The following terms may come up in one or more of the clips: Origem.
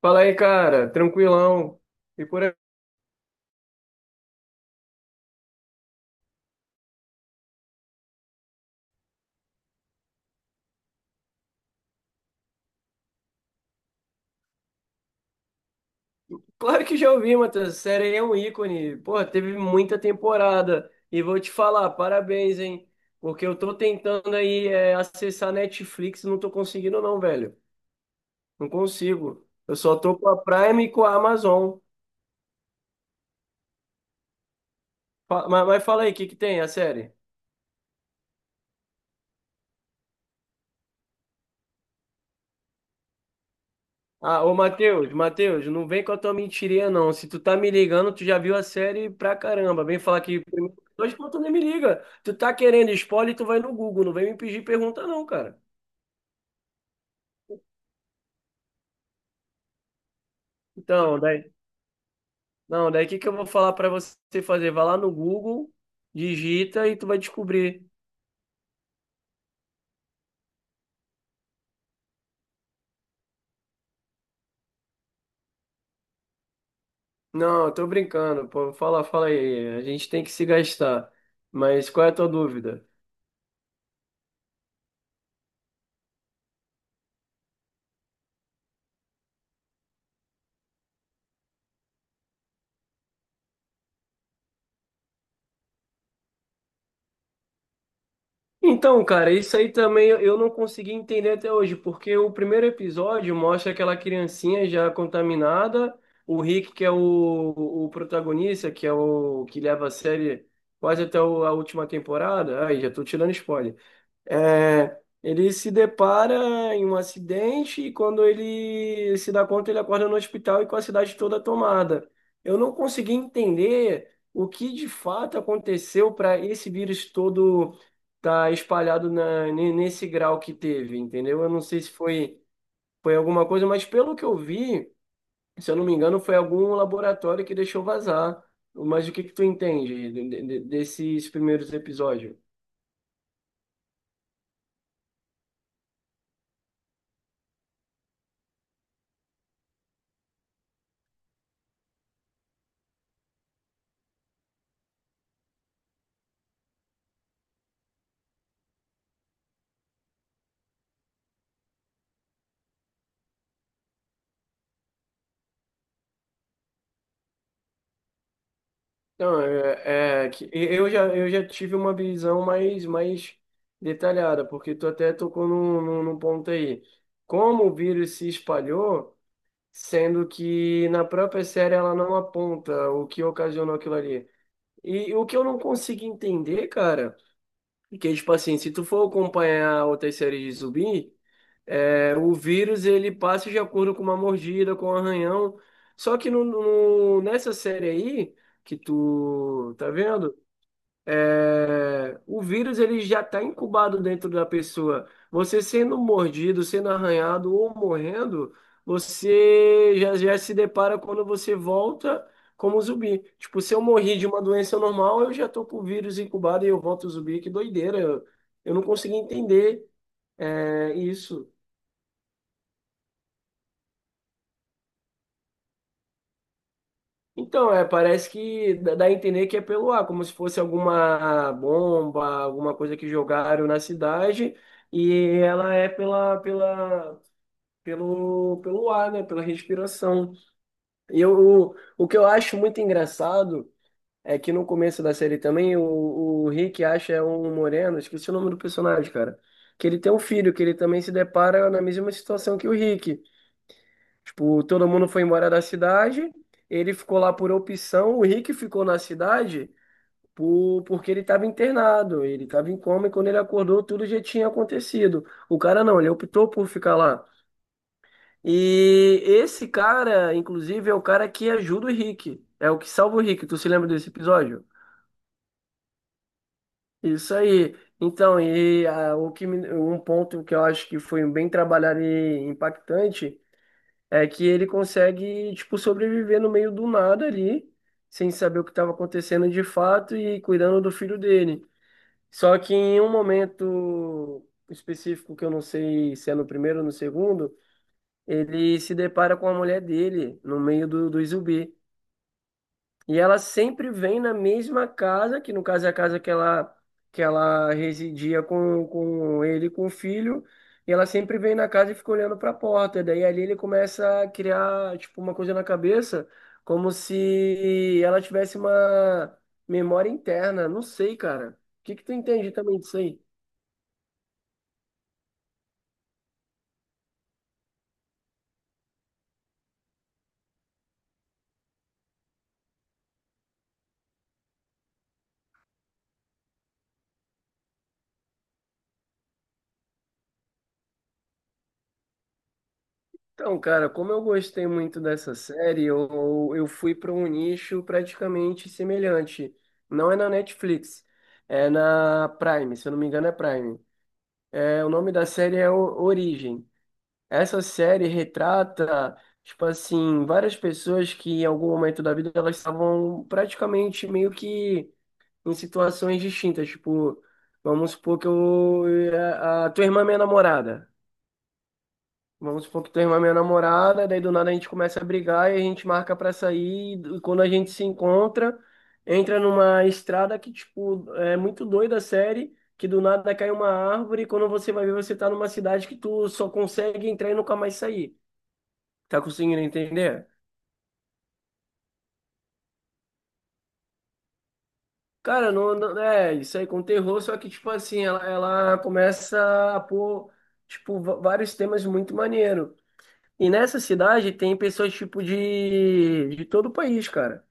Fala aí, cara, tranquilão. E por aí. Claro que já ouvi, Matheus. Essa série aí é um ícone. Pô, teve muita temporada. E vou te falar, parabéns, hein? Porque eu tô tentando aí acessar Netflix, e não tô conseguindo, não, velho. Não consigo. Eu só tô com a Prime e com a Amazon. Mas fala aí, o que que tem a série? Ah, ô Matheus, Matheus, não vem com a tua mentirinha, não. Se tu tá me ligando, tu já viu a série pra caramba. Vem falar que primeiro dois pontos nem me liga. Tu tá querendo spoiler, tu vai no Google. Não vem me pedir pergunta, não, cara. Então, daí. Não, daí o que que eu vou falar pra você fazer? Vai lá no Google, digita e tu vai descobrir. Não, eu tô brincando, pô. Fala, fala aí. A gente tem que se gastar. Mas qual é a tua dúvida? Então, cara, isso aí também eu não consegui entender até hoje, porque o primeiro episódio mostra aquela criancinha já contaminada, o Rick, o protagonista, que é o que leva a série quase até a última temporada. Aí, já tô tirando spoiler. É, ele se depara em um acidente e quando ele se dá conta, ele acorda no hospital e com a cidade toda tomada. Eu não consegui entender o que de fato aconteceu para esse vírus todo estar tá espalhado nesse grau que teve, entendeu? Eu não sei se foi, foi alguma coisa, mas pelo que eu vi, se eu não me engano, foi algum laboratório que deixou vazar. Mas o que que tu entende desses primeiros episódios? Não, é, é que eu já tive uma visão mais detalhada, porque tu até tocou num ponto aí. Como o vírus se espalhou, sendo que na própria série ela não aponta o que ocasionou aquilo ali. E o que eu não consegui entender, cara, é que, tipo assim, se tu for acompanhar outras séries de zumbi, é, o vírus ele passa de acordo com uma mordida, com um arranhão. Só que no, no, nessa série aí, que tu tá vendo? É, o vírus ele já está incubado dentro da pessoa. Você sendo mordido, sendo arranhado ou morrendo, você já se depara quando você volta como zumbi. Tipo, se eu morri de uma doença normal, eu já tô com o vírus incubado e eu volto zumbi. Que doideira! Eu não consegui entender isso. Então, é, parece que dá a entender que é pelo ar, como se fosse alguma bomba, alguma coisa que jogaram na cidade, e ela é pelo ar, né, pela respiração. E eu, o que eu acho muito engraçado é que no começo da série também, o Rick acha um moreno, esqueci o nome do personagem, cara, que ele tem um filho, que ele também se depara na mesma situação que o Rick. Tipo, todo mundo foi embora da cidade, ele ficou lá por opção, o Rick ficou na cidade porque ele estava internado, ele estava em coma e quando ele acordou tudo já tinha acontecido. O cara não, ele optou por ficar lá. E esse cara, inclusive, é o cara que ajuda o Rick, é o que salva o Rick. Tu se lembra desse episódio? Isso aí. Então, e ah, um ponto que eu acho que foi bem trabalhado e impactante é que ele consegue, tipo, sobreviver no meio do nada ali, sem saber o que estava acontecendo de fato e cuidando do filho dele. Só que em um momento específico, que eu não sei se é no primeiro ou no segundo, ele se depara com a mulher dele no meio do. E ela sempre vem na mesma casa, que no caso é a casa que ela residia com ele e com o filho. E ela sempre vem na casa e fica olhando para a porta. Daí ali ele começa a criar, tipo, uma coisa na cabeça, como se ela tivesse uma memória interna. Não sei, cara. O que que tu entende também disso aí? Então, cara, como eu gostei muito dessa série, eu fui para um nicho praticamente semelhante. Não é na Netflix, é na Prime, se eu não me engano é Prime. É, o nome da série é Origem. Essa série retrata, tipo assim, várias pessoas que em algum momento da vida elas estavam praticamente meio que em situações distintas. Tipo, vamos supor que eu, a tua irmã é minha namorada. Vamos supor que tu irmã é minha namorada, daí do nada a gente começa a brigar e a gente marca pra sair. E quando a gente se encontra, entra numa estrada que, tipo, é muito doida a série, que do nada cai uma árvore e quando você vai ver, você tá numa cidade que tu só consegue entrar e nunca mais sair. Tá conseguindo entender? Cara, não, é isso aí com terror, só que, tipo assim, ela começa a pôr, tipo, vários temas muito maneiro. E nessa cidade tem pessoas, tipo, de todo o país, cara.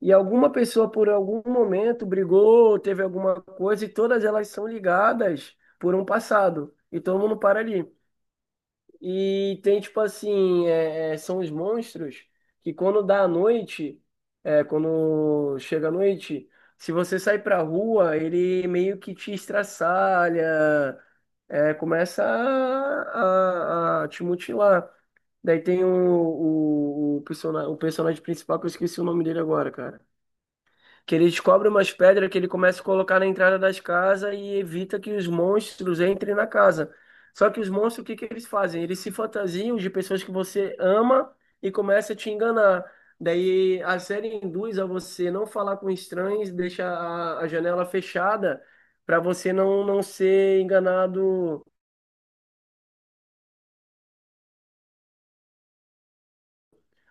E alguma pessoa, por algum momento, brigou, teve alguma coisa, e todas elas são ligadas por um passado. E todo mundo para ali. E tem, tipo assim, são os monstros que quando dá a noite, é, quando chega a noite, se você sair pra rua, ele meio que te estraçalha, é, começa a te mutilar. Daí tem o personagem principal, que eu esqueci o nome dele agora, cara. Que ele descobre umas pedras que ele começa a colocar na entrada das casas e evita que os monstros entrem na casa. Só que os monstros, o que que eles fazem? Eles se fantasiam de pessoas que você ama e começa a te enganar. Daí a série induz a você não falar com estranhos, deixa a janela fechada para você não ser enganado.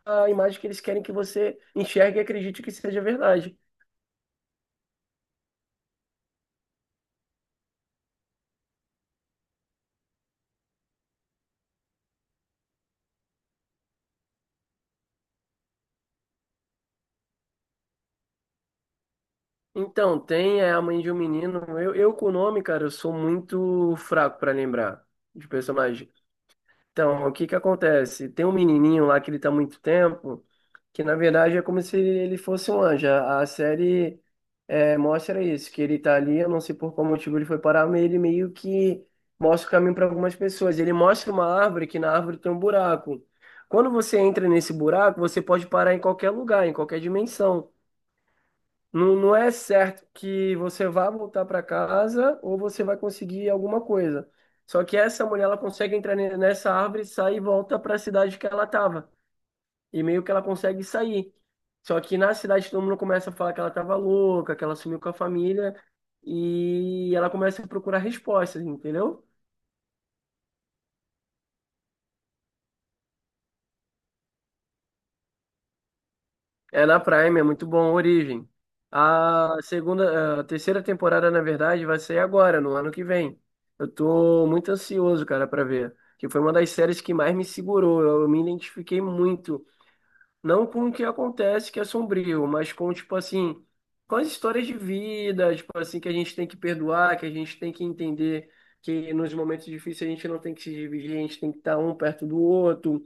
A imagem que eles querem que você enxergue e acredite que seja verdade. Então, tem é, a mãe de um menino. Eu com o nome, cara, eu sou muito fraco pra lembrar de personagem. Então, o que que acontece? Tem um menininho lá que ele tá há muito tempo, que na verdade é como se ele fosse um anjo. A série é, mostra isso, que ele tá ali, eu não sei por qual motivo ele foi parar, mas ele meio que mostra o caminho para algumas pessoas. Ele mostra uma árvore que na árvore tem um buraco. Quando você entra nesse buraco, você pode parar em qualquer lugar, em qualquer dimensão. Não, não é certo que você vá voltar para casa ou você vai conseguir alguma coisa. Só que essa mulher, ela consegue entrar nessa árvore, sai e volta para a cidade que ela estava. E meio que ela consegue sair. Só que na cidade todo mundo começa a falar que ela estava louca, que ela sumiu com a família. E ela começa a procurar respostas, entendeu? É na Prime, é muito bom, Origem. A segunda, a terceira temporada, na verdade, vai sair agora, no ano que vem. Eu tô muito ansioso, cara, pra ver. Que foi uma das séries que mais me segurou. Eu me identifiquei muito. Não com o que acontece, que é sombrio, mas com, tipo assim, com as histórias de vida, tipo assim, que a gente tem que perdoar, que a gente tem que entender que nos momentos difíceis a gente não tem que se dividir, a gente tem que estar um perto do outro,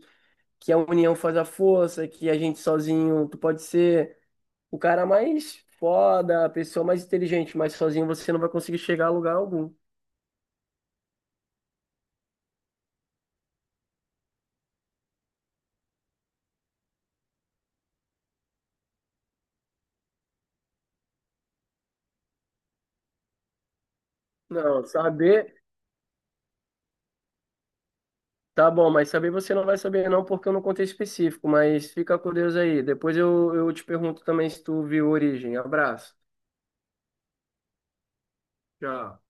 que a união faz a força, que a gente sozinho, tu pode ser o cara mais foda, a pessoa mais inteligente, mas sozinho você não vai conseguir chegar a lugar algum. Não, saber, tá bom, mas saber você não vai saber não, porque eu não contei específico, mas fica com Deus aí. Depois eu te pergunto também se tu viu Origem. Abraço. Tchau.